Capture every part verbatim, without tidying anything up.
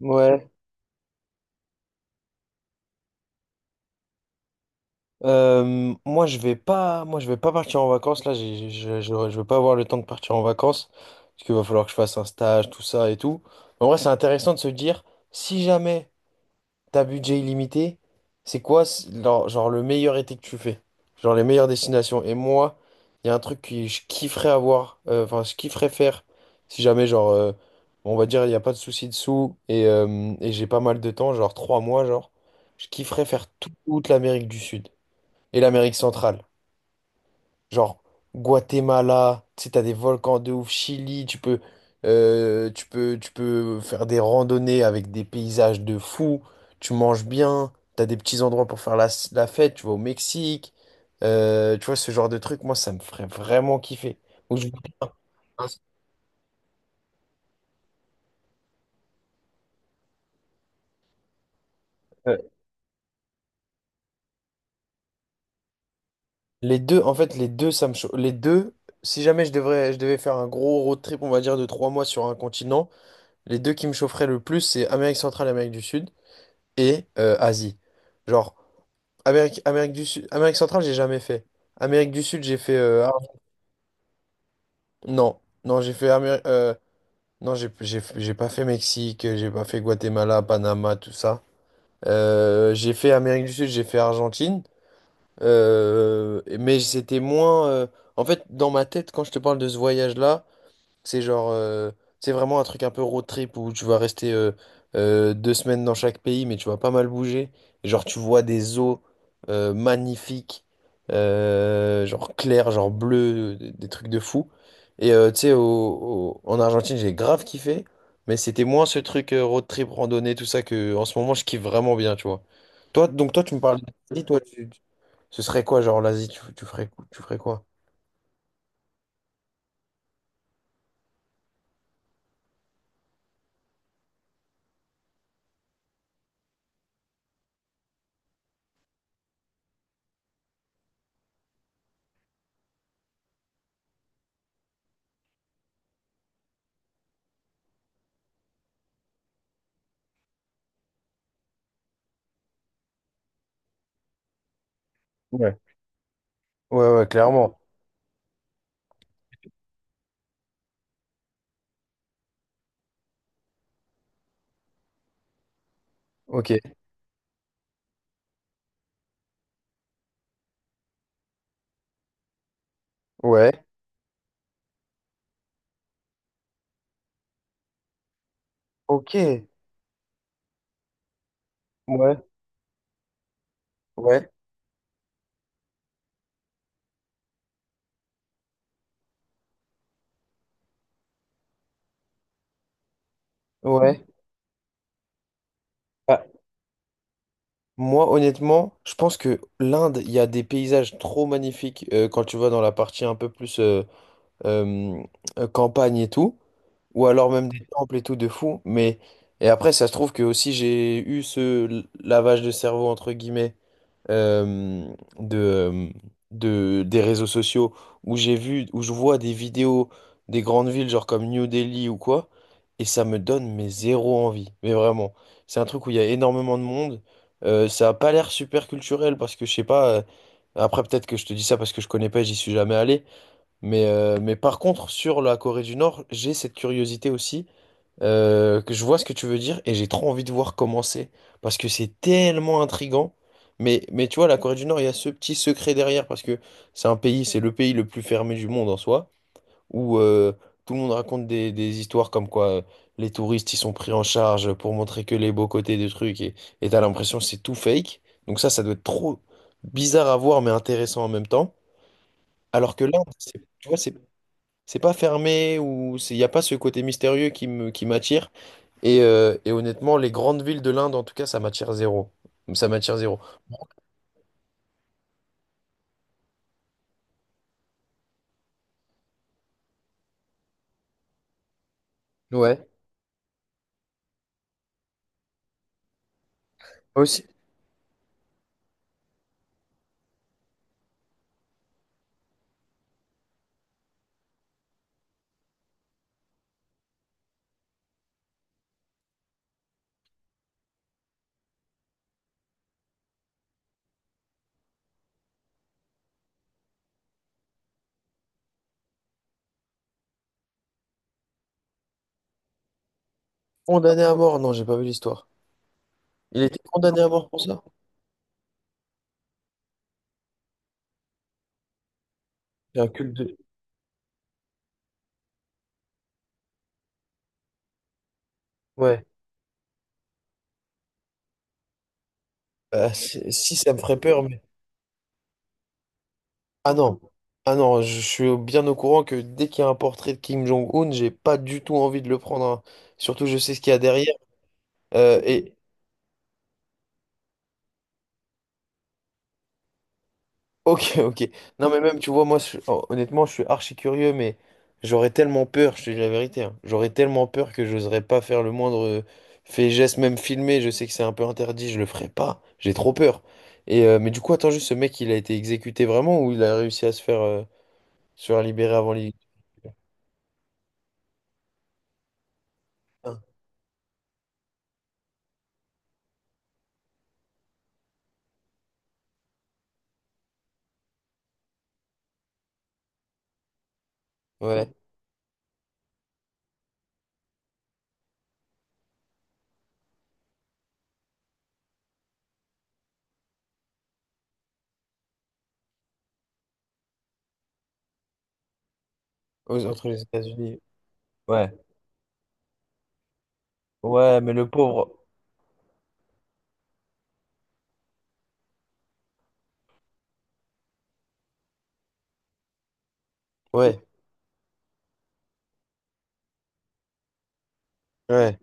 Ouais, euh, moi je vais pas, moi je vais pas partir en vacances là. j'ai- j'ai- Je, je, je vais pas avoir le temps de partir en vacances parce qu'il va falloir que je fasse un stage, tout ça et tout. En vrai, c'est intéressant de se dire si jamais t'as budget illimité, c'est quoi c- genre, genre le meilleur été que tu fais, genre les meilleures destinations. Et moi, il y a un truc que je kifferais avoir, euh, enfin je kifferais faire si jamais genre euh, on va dire il n'y a pas de souci de sous et, euh, et j'ai pas mal de temps, genre trois mois genre, je kifferais faire toute l'Amérique du Sud. Et l'Amérique centrale. Genre Guatemala, tu sais, t'as des volcans de ouf, Chili, tu peux, euh, tu peux, tu peux faire des randonnées avec des paysages de fou, tu manges bien, t'as des petits endroits pour faire la, la fête, tu vas au Mexique, euh, tu vois, ce genre de truc, moi, ça me ferait vraiment kiffer. Ou je- Euh, Les deux, en fait, les deux, ça me chauffe. Les deux, si jamais je devrais, je devais faire un gros road trip, on va dire, de trois mois sur un continent, les deux qui me chaufferaient le plus, c'est Amérique centrale et Amérique du Sud. Et euh, Asie. Genre, Amérique, Amérique du Sud, Amérique centrale, j'ai jamais fait. Amérique du Sud, j'ai fait. Euh, Ar- non, non, j'ai fait. Amérique, euh, non, j'ai j'ai- j'ai pas fait Mexique, j'ai pas fait Guatemala, Panama, tout ça. Euh, j'ai fait Amérique du Sud, j'ai fait Argentine. Euh, mais c'était moins. euh, en fait, dans ma tête, quand je te parle de ce voyage-là, c'est genre, euh, c'est vraiment un truc un peu road trip où tu vas rester euh, euh, deux semaines dans chaque pays, mais tu vas pas mal bouger. Et genre, tu vois des eaux euh, magnifiques, euh, genre claires, genre bleues, des des trucs de fou. Et euh, tu sais, au- au- en Argentine, j'ai grave kiffé, mais c'était moins ce truc euh, road trip, randonnée, tout ça, que en ce moment, je kiffe vraiment bien, tu vois. Toi, donc toi, tu me parles d'Asie, toi, tu- tu- ce serait quoi, genre l'Asie, tu, tu ferais, tu ferais quoi? Ouais. Ouais, ouais, clairement. Ok. Ouais. Ok, ouais, ouais, ouais. Bah, moi, honnêtement, je pense que l'Inde, il y a des paysages trop magnifiques euh, quand tu vas dans la partie un peu plus euh, euh, euh, campagne et tout, ou alors même des temples et tout de fou. Mais et après, ça se trouve que aussi j'ai eu ce l- lavage de cerveau entre guillemets euh, de, euh, de, des réseaux sociaux où j'ai vu, où je vois des vidéos des grandes villes, genre comme New Delhi ou quoi, et ça me donne mais zéro envie. Mais vraiment, c'est un truc où il y a énormément de monde. Euh, ça a pas l'air super culturel parce que je sais pas. euh, Après, peut-être que je te dis ça parce que je connais pas, et j'y suis jamais allé. Mais, euh, mais par contre, sur la Corée du Nord, j'ai cette curiosité aussi euh, que je vois ce que tu veux dire et j'ai trop envie de voir comment c'est parce que c'est tellement intrigant. Mais, mais tu vois, la Corée du Nord, il y a ce petit secret derrière parce que c'est un pays, c'est le pays le plus fermé du monde en soi, où euh, tout le monde raconte des, des histoires comme quoi euh, les touristes ils sont pris en charge pour montrer que les beaux côtés des trucs et et t'as l'impression que c'est tout fake. Donc ça, ça doit être trop bizarre à voir mais intéressant en même temps. Alors que là, c'est- tu vois, c'est c'est pas fermé ou il n'y a pas ce côté mystérieux qui me, qui m'attire. Et, euh, et honnêtement, les grandes villes de l'Inde, en tout cas, ça m'attire zéro. Ça m'attire zéro. Ouais. Aussi, condamné à mort, non, j'ai pas vu l'histoire. Il était condamné à mort pour ça? C'est un culte de... Ouais. Euh, si, si, ça me ferait peur, mais... Ah non. Ah non, je suis bien au courant que dès qu'il y a un portrait de Kim Jong-un, j'ai pas du tout envie de le prendre, hein. Surtout, je sais ce qu'il y a derrière. Euh, et, Ok, ok. Non, mais même, tu vois, moi, je- hon- honnêtement, je suis archi curieux, mais j'aurais tellement peur, je te dis la vérité, hein. J'aurais tellement peur que j'oserais pas faire le moindre euh, fait, geste, même filmé. Je sais que c'est un peu interdit, je le ferai pas. J'ai trop peur. Et, euh, mais du coup, attends juste, ce mec, il a été exécuté vraiment ou il a réussi à se faire, euh, se faire libérer avant les... Ouais, aux- entre les États-Unis. Ouais, ouais, mais le pauvre. Ouais, ouais.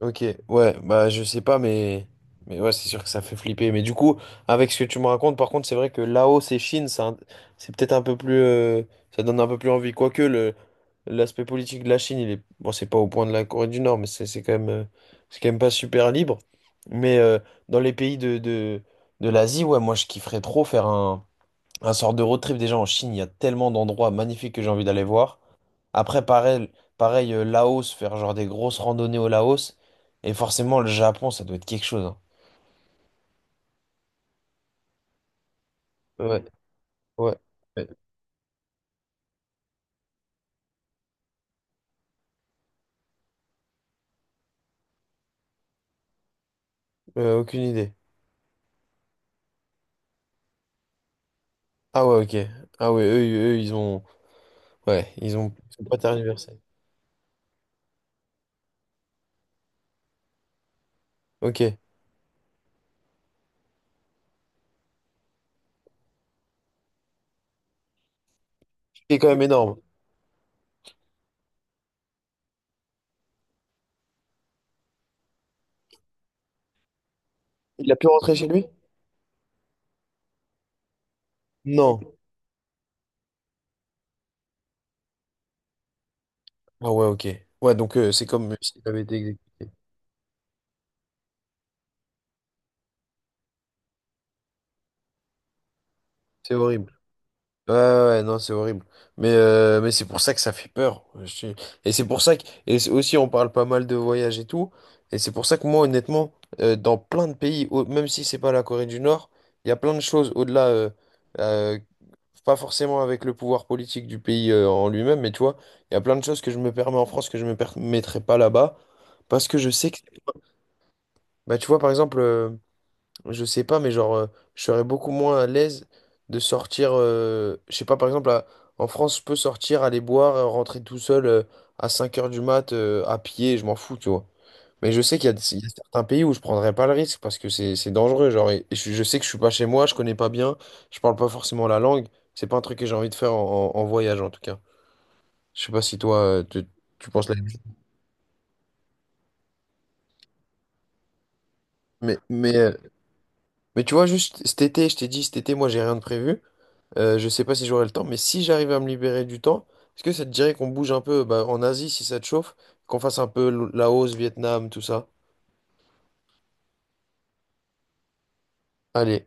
Ok, ouais, bah je sais pas, mais, mais ouais, c'est sûr que ça fait flipper. Mais du coup, avec ce que tu me racontes, par contre, c'est vrai que Laos et Chine, ça- c'est peut-être un peu plus, euh, ça donne un peu plus envie. Quoique le l'aspect politique de la Chine, il est, bon, c'est pas au point de la Corée du Nord, mais c'est c'est quand même, euh, c'est quand même pas super libre. Mais euh, Dans les pays de, de, de l'Asie, ouais, moi je kifferais trop faire un, un sort de road trip. Déjà en Chine, il y a tellement d'endroits magnifiques que j'ai envie d'aller voir. Après, pareil, pareil, euh, Laos, faire genre des grosses randonnées au Laos. Et forcément, le Japon, ça doit être quelque chose, hein. Ouais, ouais. Ouais. Euh, aucune idée. Ah ouais, ok. Ah ouais, eux, eux, ils ont. Ouais, ils ont. Ils sont pas tergiversé. Ok. C'est quand même énorme. Il a pu rentrer chez lui? Non. Ah ouais, ok. Ouais, donc euh, c'est comme s'il avait été exécuté. C'est horrible. Ouais, ouais, ouais, non, c'est horrible. Mais, euh, mais c'est pour ça que ça fait peur. Je sais. Et c'est pour ça que, et c'est aussi, on parle pas mal de voyage et tout. Et c'est pour ça que moi, honnêtement, euh, dans plein de pays, au- même si c'est pas la Corée du Nord, il y a plein de choses au-delà, euh, euh, pas forcément avec le pouvoir politique du pays, euh, en lui-même, mais tu vois, il y a plein de choses que je me permets en France que je me permettrais pas là-bas. Parce que je sais que, bah, tu vois, par exemple, euh, je sais pas, mais genre, euh, je serais beaucoup moins à l'aise de sortir, euh, je sais pas, par exemple, à- en France, je peux sortir, aller boire, euh, rentrer tout seul euh, à cinq heures du mat, euh, à pied, je m'en fous, tu vois. Mais je sais qu'il y a, des- il y a certains pays où je prendrais pas le risque parce que c'est c'est dangereux, genre, et, et je, je sais que je suis pas chez moi, je connais pas bien, je parle pas forcément la langue, c'est pas un truc que j'ai envie de faire en, en- en voyage, en tout cas. Je sais pas si toi, euh, tu, tu penses la même chose. Mais, mais, euh, mais tu vois, juste cet été, je t'ai dit, cet été, moi, j'ai rien de prévu. Euh, je sais pas si j'aurai le temps, mais si j'arrive à me libérer du temps, est-ce que ça te dirait qu'on bouge un peu bah, en Asie si ça te chauffe, qu'on fasse un peu l- Laos, Vietnam, tout ça? Allez.